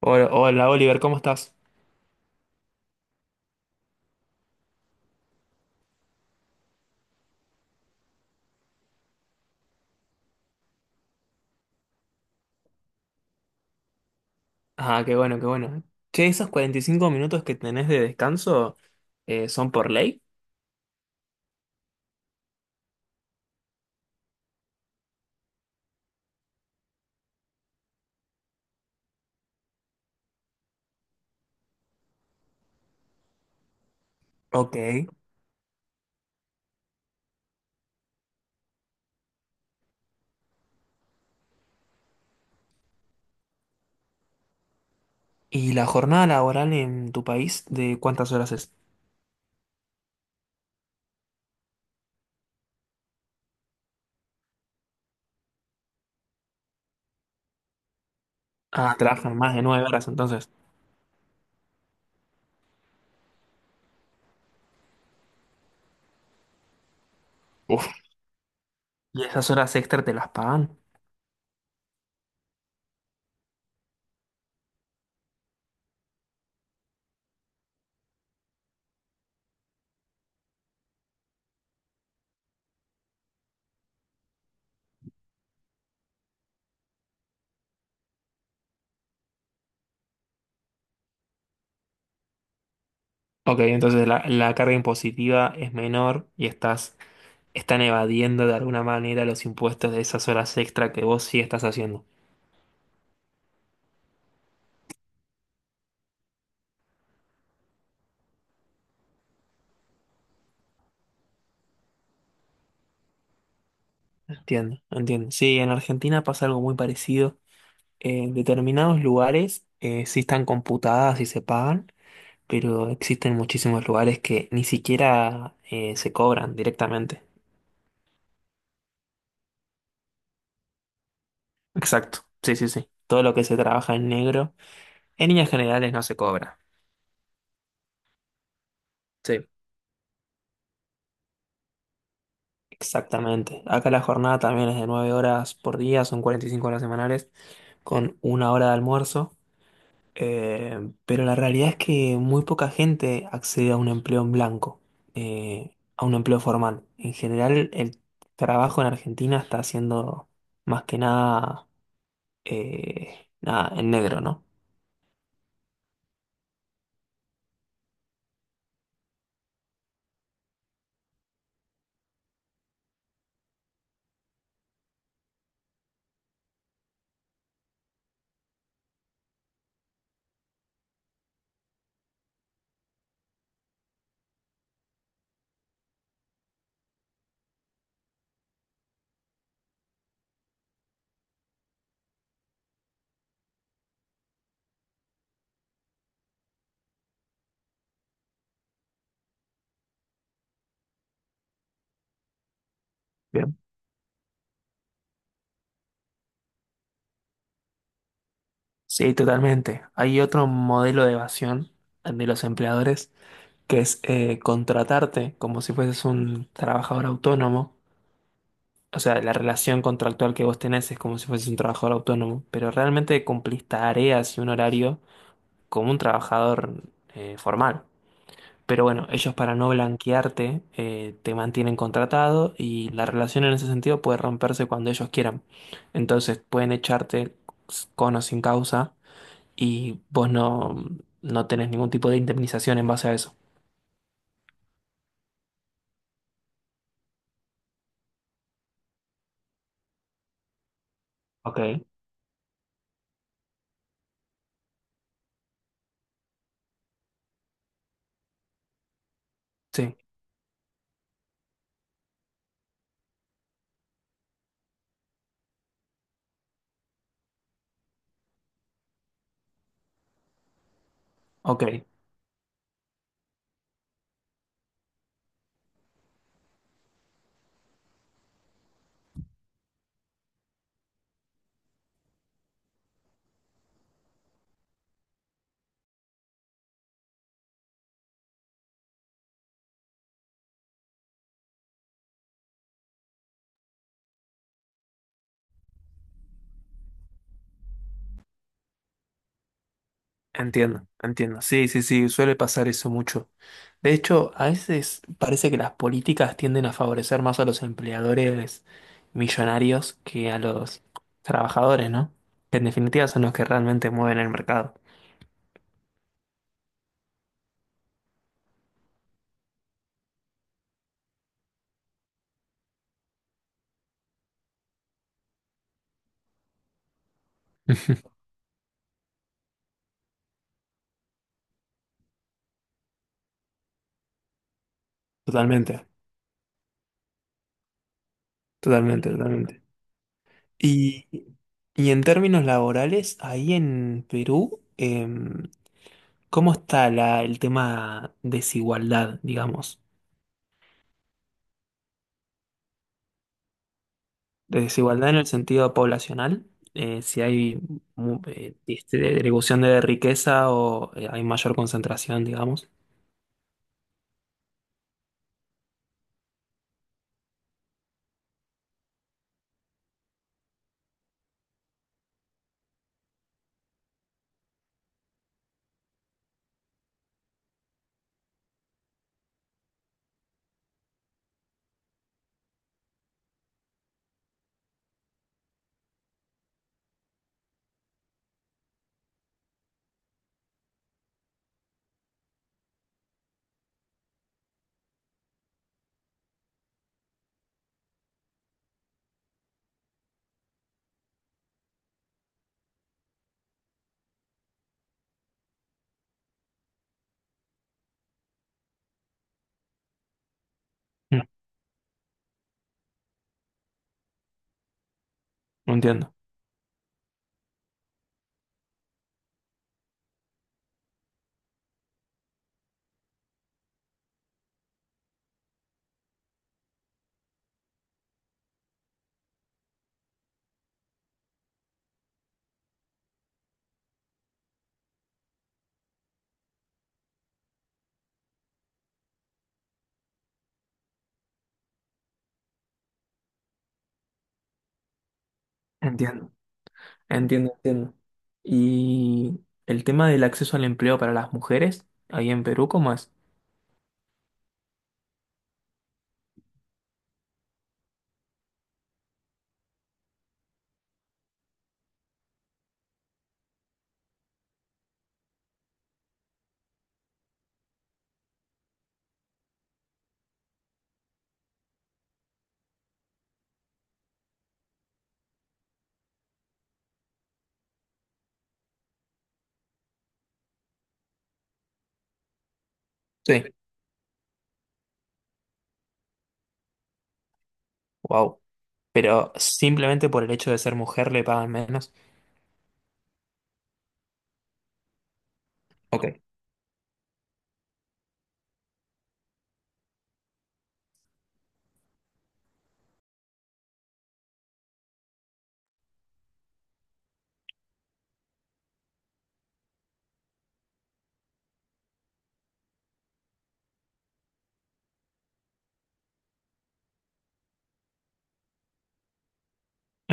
Hola, hola, Oliver, ¿cómo estás? Ah, qué bueno, qué bueno. Che, esos 45 minutos que tenés de descanso son por ley. Ok. ¿Y la jornada laboral en tu país de cuántas horas es? Ah, trabajan más de 9 horas entonces. Uf. ¿Y esas horas extra te las pagan? Ok, entonces la carga impositiva es menor y están evadiendo de alguna manera los impuestos de esas horas extra que vos sí estás haciendo. Entiendo, entiendo. Sí, en Argentina pasa algo muy parecido. En determinados lugares sí están computadas y se pagan, pero existen muchísimos lugares que ni siquiera se cobran directamente. Exacto. Sí, sí, sí. Todo lo que se trabaja en negro, en líneas generales no se cobra. Sí. Exactamente. Acá la jornada también es de 9 horas por día, son 45 horas semanales, con una hora de almuerzo. Pero la realidad es que muy poca gente accede a un empleo en blanco, a un empleo formal. En general, el trabajo en Argentina está siendo más que nada, nada en negro, ¿no? Bien. Sí, totalmente. Hay otro modelo de evasión de los empleadores que es contratarte como si fueses un trabajador autónomo. O sea, la relación contractual que vos tenés es como si fueses un trabajador autónomo, pero realmente cumplís tareas y un horario como un trabajador formal. Pero bueno, ellos para no blanquearte te mantienen contratado y la relación en ese sentido puede romperse cuando ellos quieran. Entonces pueden echarte con o sin causa y vos no tenés ningún tipo de indemnización en base a eso. Ok. Sí, ok. Entiendo, entiendo. Sí, sí, sí, suele pasar eso mucho. De hecho, a veces parece que las políticas tienden a favorecer más a los empleadores millonarios que a los trabajadores, ¿no? Que en definitiva son los que realmente mueven el mercado. Ujú. Totalmente, totalmente, totalmente. Y, y en términos laborales, ahí en Perú, ¿cómo está el tema desigualdad, digamos? De Desigualdad en el sentido poblacional, si hay este, distribución de riqueza o hay mayor concentración, digamos. Mm. Entiendo, entiendo, entiendo, entiendo. Y el tema del acceso al empleo para las mujeres, ahí en Perú, ¿cómo es? Sí. Wow. Pero simplemente por el hecho de ser mujer le pagan menos. Ok.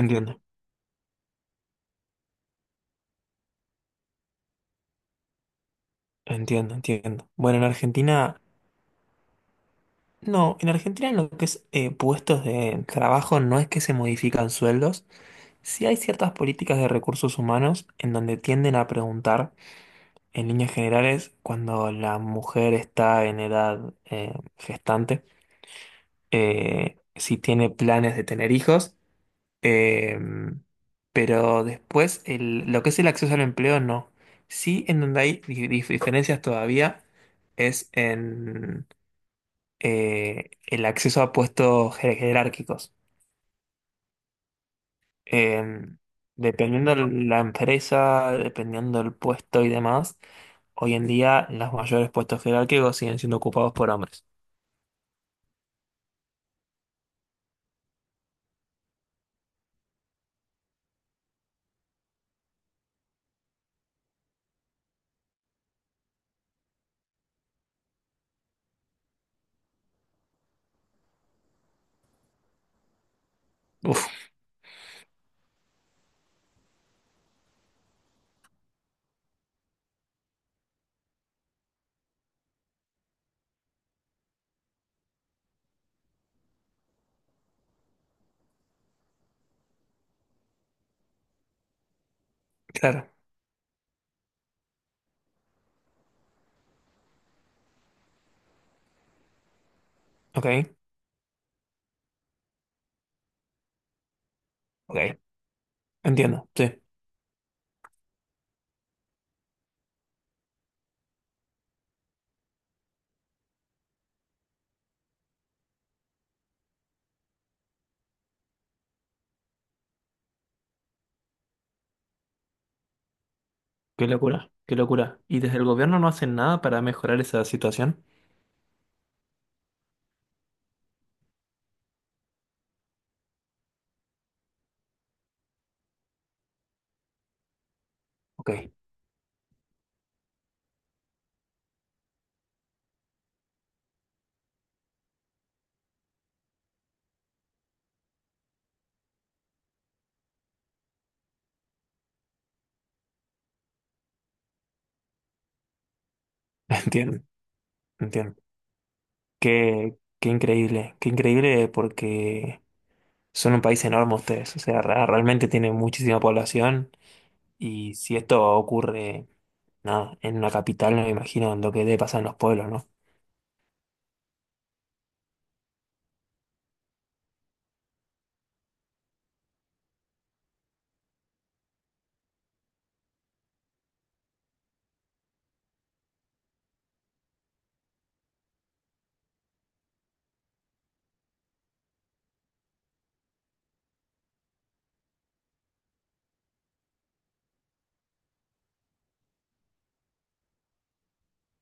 Entiendo, entiendo, entiendo. Bueno, en Argentina, no, en Argentina en lo que es puestos de trabajo no es que se modifican sueldos. Sí hay ciertas políticas de recursos humanos en donde tienden a preguntar, en líneas generales, cuando la mujer está en edad gestante, si tiene planes de tener hijos, eh, pero después lo que es el acceso al empleo no. Sí, en donde hay diferencias todavía es en el acceso a puestos jerárquicos. Em, dependiendo de la empresa, dependiendo del puesto y demás, hoy en día los mayores puestos jerárquicos siguen siendo ocupados por hombres. Uf, claro. Ok, ok. Entiendo, sí. Qué locura, qué locura. ¿Y desde el gobierno no hacen nada para mejorar esa situación? Ok, entiendo, entiendo. Qué increíble, qué increíble porque son un país enorme ustedes. O sea, realmente tienen muchísima población y si esto ocurre nada, en una capital no me imagino lo que debe pasar en los pueblos, ¿no?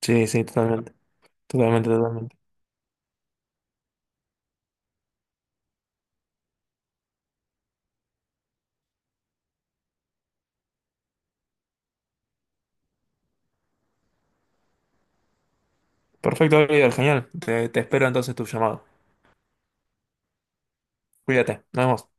Sí, sí, totalmente, totalmente, totalmente. Perfecto, Oliver, genial. Te espero entonces tu llamado. Cuídate, nos vemos.